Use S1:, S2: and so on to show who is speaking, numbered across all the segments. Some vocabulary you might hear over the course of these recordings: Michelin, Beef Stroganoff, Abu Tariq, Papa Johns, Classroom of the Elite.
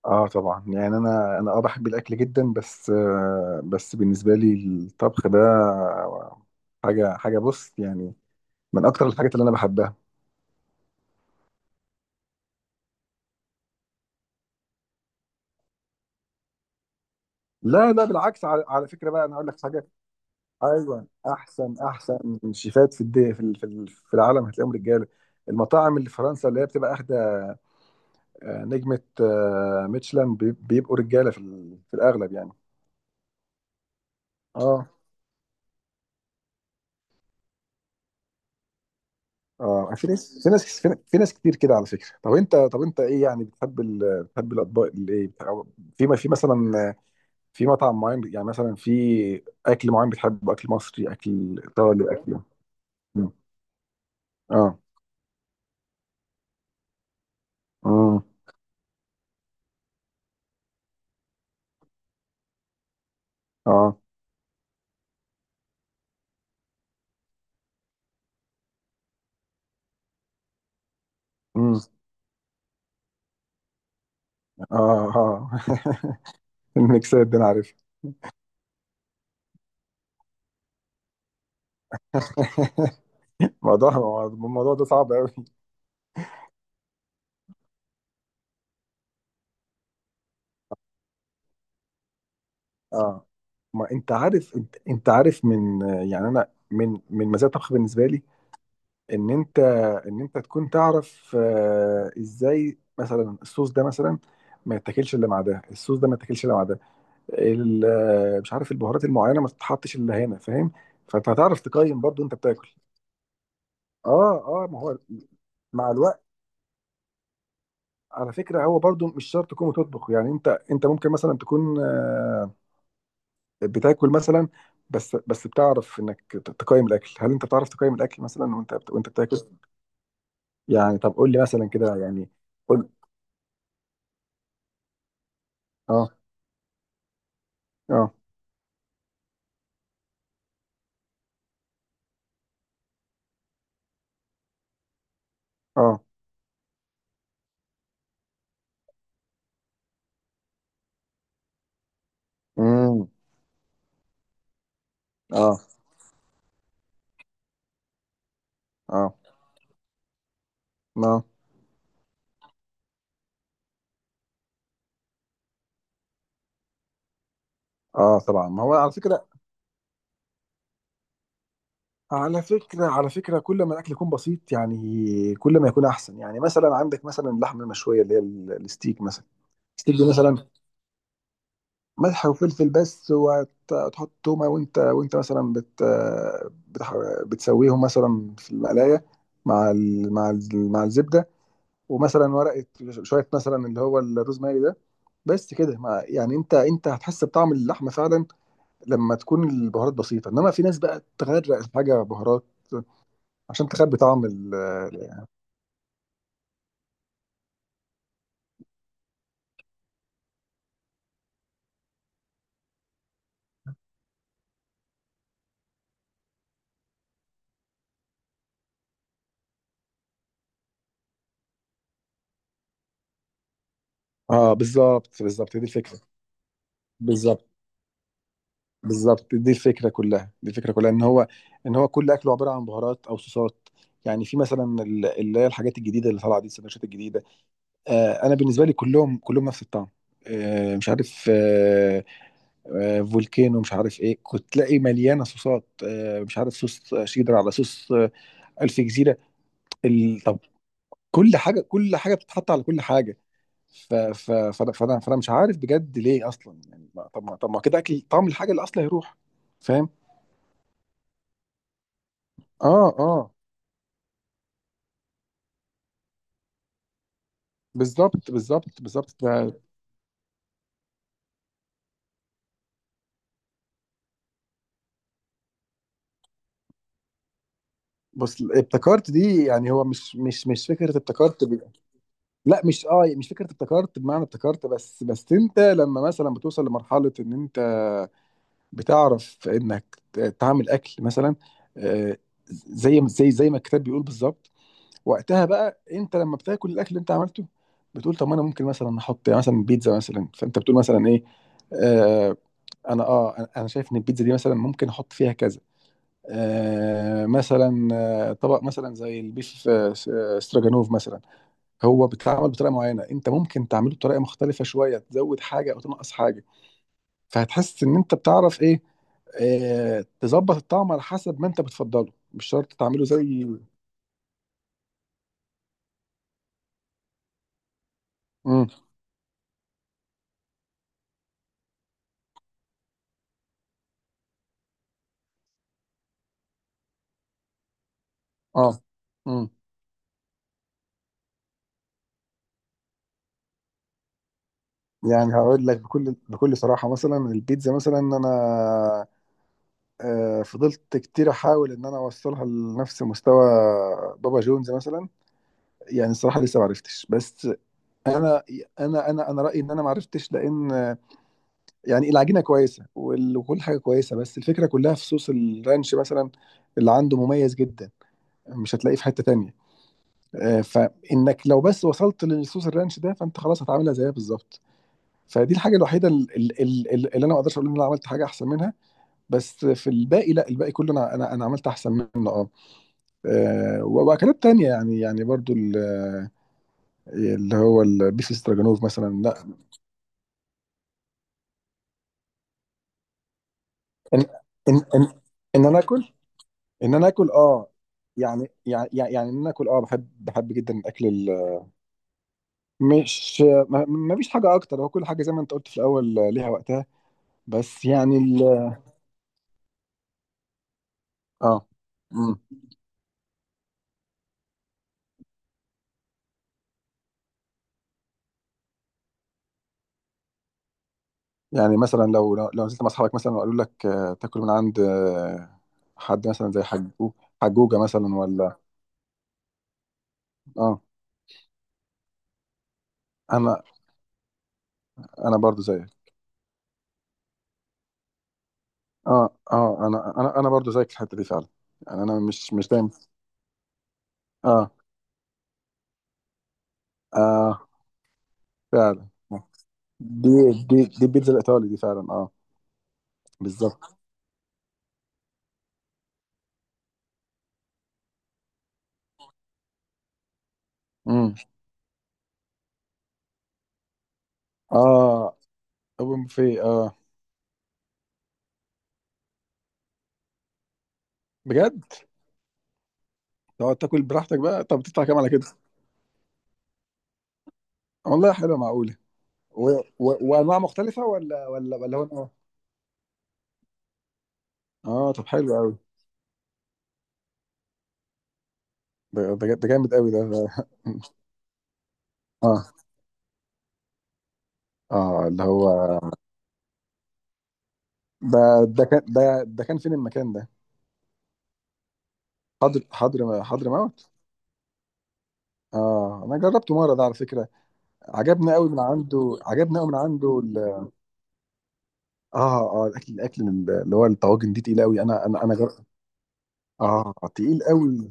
S1: اه، طبعا. يعني انا بحب الاكل جدا. بس بالنسبه لي الطبخ ده حاجه. بص، يعني من اكتر الحاجات اللي انا بحبها. لا، لا، بالعكس. على فكره بقى انا اقول لك حاجه. ايوه، احسن شيفات في الدي في ال- في ال- في العالم هتلاقيهم رجاله. المطاعم اللي في فرنسا اللي هي بتبقى اخده نجمه ميشلان، بيبقوا رجاله في الاغلب يعني. اه اه في ناس كتير كده على فكره. طب انت ايه يعني؟ بتحب الاطباق اللي ايه أو ما في مثلا، في مطعم معين، يعني مثلا في اكل معين بتحبه، اكل مصري، اكل ايطالي، اكل. مم. اه. امم. اه. امم. اه. اه. الميكسات دي انا عارفها. الموضوع ده صعب قوي. اه، ما انت عارف. انت عارف من. يعني انا من مزايا الطبخ بالنسبه لي، ان انت ان انت تكون تعرف ازاي مثلا الصوص ده مثلا ما يتاكلش الا مع ده، الصوص ده ما يتاكلش الا مع ده. مش عارف، البهارات المعينه ما تتحطش الا هنا. فاهم؟ فانت هتعرف تقيم، برضو انت بتاكل. اه، اه، ما هو مع الوقت. على فكره هو برضو مش شرط تكون بتطبخ، يعني انت ممكن مثلا تكون بتاكل مثلا. بس بتعرف انك تقيم الاكل. هل انت بتعرف تقيم الاكل مثلا وانت بتاكل؟ يعني طب قول لي مثلا كده يعني. قول. اه. اه. اه. امم. اه. اه. ما. اه، طبعا. ما هو على فكره، كل ما الاكل يكون بسيط، يعني كل ما يكون احسن. يعني مثلا عندك مثلا اللحمه المشويه اللي هي الستيك مثلا. الستيك دي مثلا ملح وفلفل بس، وتحط تومه وانت مثلا بتسويهم مثلا في المقلايه مع الزبده، ومثلا ورقه شويه مثلا اللي هو الروزماري ده. بس كده. يعني انت هتحس بطعم اللحمه فعلا لما تكون البهارات بسيطه. انما في ناس بقى تغرق الحاجه بهارات عشان تخبي طعم اه، بالظبط، بالظبط دي الفكره. بالظبط، بالظبط دي الفكره كلها، دي الفكره كلها ان هو، ان هو كل اكله عباره عن بهارات او صوصات. يعني في مثلا اللي هي الحاجات الجديده اللي طالعه دي، السندوتشات الجديده. انا بالنسبه لي كلهم كلهم نفس الطعم. مش عارف فولكانو، مش عارف ايه، كنت تلاقي مليانه صوصات، مش عارف، صوص شيدر على صوص الف جزيره. طب كل حاجه كل حاجه بتتحط على كل حاجه. ف ف فانا فانا فانا مش عارف بجد ليه اصلا. يعني ما- طب ما طب ما كده اكل طعم الحاجه اللي اصلا هيروح. فاهم؟ اه، اه، بالظبط بالظبط بالظبط بص، ابتكرت دي يعني هو مش فكره ابتكرت لا، مش فكره ابتكرت بمعنى ابتكرت. بس انت لما مثلا بتوصل لمرحله ان انت بتعرف انك تعمل اكل مثلا، آه، زي ما الكتاب بيقول بالظبط. وقتها بقى انت لما بتاكل الاكل اللي انت عملته، بتقول طب ما انا ممكن مثلا احط، يعني مثلا بيتزا مثلا، فانت بتقول مثلا ايه؟ آه انا اه انا أنا شايف ان البيتزا دي مثلا ممكن احط فيها كذا. مثلا طبق مثلا زي البيف استراجانوف مثلا. هو بيتعمل بطريقه معينه، انت ممكن تعمله بطريقه مختلفه شويه، تزود حاجه او تنقص حاجه. فهتحس ان انت بتعرف ايه، تظبط الطعم على حسب ما انت بتفضله، مش شرط تعمله زي. امم. اه. امم. يعني هقول لك بكل صراحة. مثلا البيتزا مثلا انا فضلت كتير احاول ان انا اوصلها لنفس مستوى بابا جونز مثلا. يعني الصراحة لسه ما عرفتش، بس انا انا رأيي ان انا ما عرفتش، لان يعني العجينة كويسة وكل حاجة كويسة، بس الفكرة كلها في صوص الرانش مثلا اللي عنده، مميز جدا، مش هتلاقيه في حتة تانية. فانك لو بس وصلت للصوص الرانش ده، فانت خلاص هتعملها زيها بالظبط. فدي الحاجه الوحيده اللي انا ما اقدرش اقول ان انا عملت حاجه احسن منها. بس في الباقي، لا الباقي كله انا عملت احسن منه. اه واكلات تانية، يعني برضو اللي هو البيف استراجانوف مثلا. لا. ان ان ان, إن انا اكل، ان انا اكل يعني ان انا اكل بحب جدا الاكل مش، ما فيش حاجه اكتر، هو كل حاجه زي ما انت قلت في الاول ليها وقتها. بس يعني اه. مم. يعني مثلا لو نزلت مع اصحابك مثلا وقالوا لك تاكل من عند حد مثلا زي حجوج، حجوجة مثلا، ولا؟ اه، انا انا برضو زيك. اه، اه، انا برضو زيك في الحتة دي فعلا. يعني انا مش دايما. اه، اه، فعلا، دي دي البيتزا الايطالي دي فعلا. اه بالظبط. امم. اه. اوبن بوفيه. اه بجد؟ تقعد تاكل براحتك بقى. طب تدفع كام على كده؟ والله حلوه، معقوله؟ و... وانواع مختلفه ولا هو. اه، طب حلو قوي. ده جامد قوي اه، اه، اللي هو ده ده كان ده ده كان فين المكان ده؟ حضر موت. اه انا جربته مره ده على فكره. عجبني قوي من عنده اه، اه، الاكل من اللي هو الطواجن دي تقيل قوي. اه، تقيل قوي.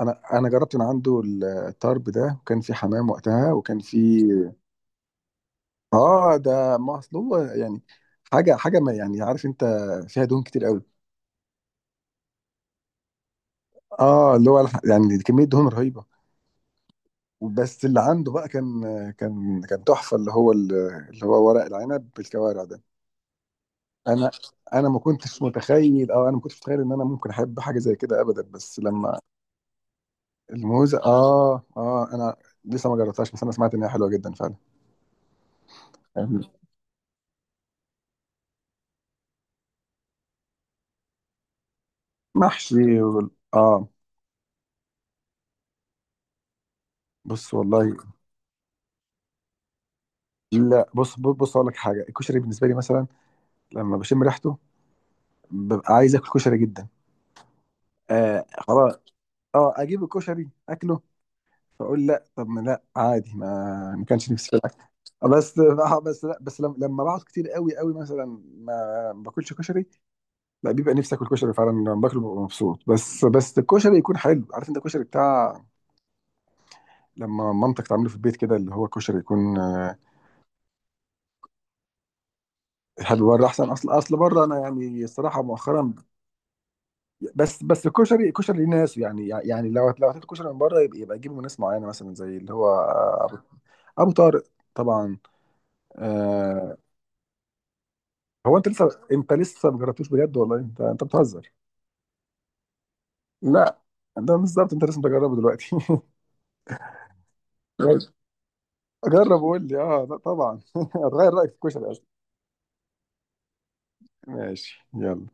S1: انا جربت من عنده الطرب ده، وكان في حمام وقتها وكان في اه، ده ما اصل هو يعني حاجه، ما يعني، عارف انت، فيها دهون كتير قوي. اه، اللي هو يعني كميه دهون رهيبه. بس اللي عنده بقى كان، كان تحفه اللي هو ورق العنب بالكوارع ده. انا، انا ما كنتش متخيل اه انا ما كنتش متخيل ان انا ممكن احب حاجه زي كده ابدا، بس لما الموزه. اه، اه، انا لسه ما جربتهاش، بس انا سمعت ان هي حلوه جدا فعلا. محشي بص والله. لا، بص اقول لك حاجه. الكشري بالنسبه لي مثلا لما بشم ريحته ببقى عايز اكل كشري جدا. خلاص. اه، اجيب الكشري اكله، فاقول لا. طب ما لا، عادي، ما كانش نفسي في الاكل. بس لا، بس لما بقعد كتير قوي قوي مثلا ما باكلش كشري، لا بيبقى نفسي اكل كشري فعلا. لما باكله ببقى مبسوط، بس الكشري يكون حلو. عارف انت الكشري بتاع لما مامتك تعمله في البيت كده، اللي هو كشري يكون حلو بره احسن. اصل بره انا يعني الصراحه مؤخرا، بس الكشري ليه ناس. يعني لو هتاكل كشري من بره يبقى، تجيبه من ناس معينه، مثلا زي اللي هو ابو، أبو طارق. طبعا. آه، هو انت لسه ما جربتوش؟ بجد والله؟ انت بتهزر. لا، ده بالظبط انت لازم تجربه دلوقتي. جرب. جرب وقول لي. طبعا هتغير رايك في الكشري اصلا. ماشي، يلا.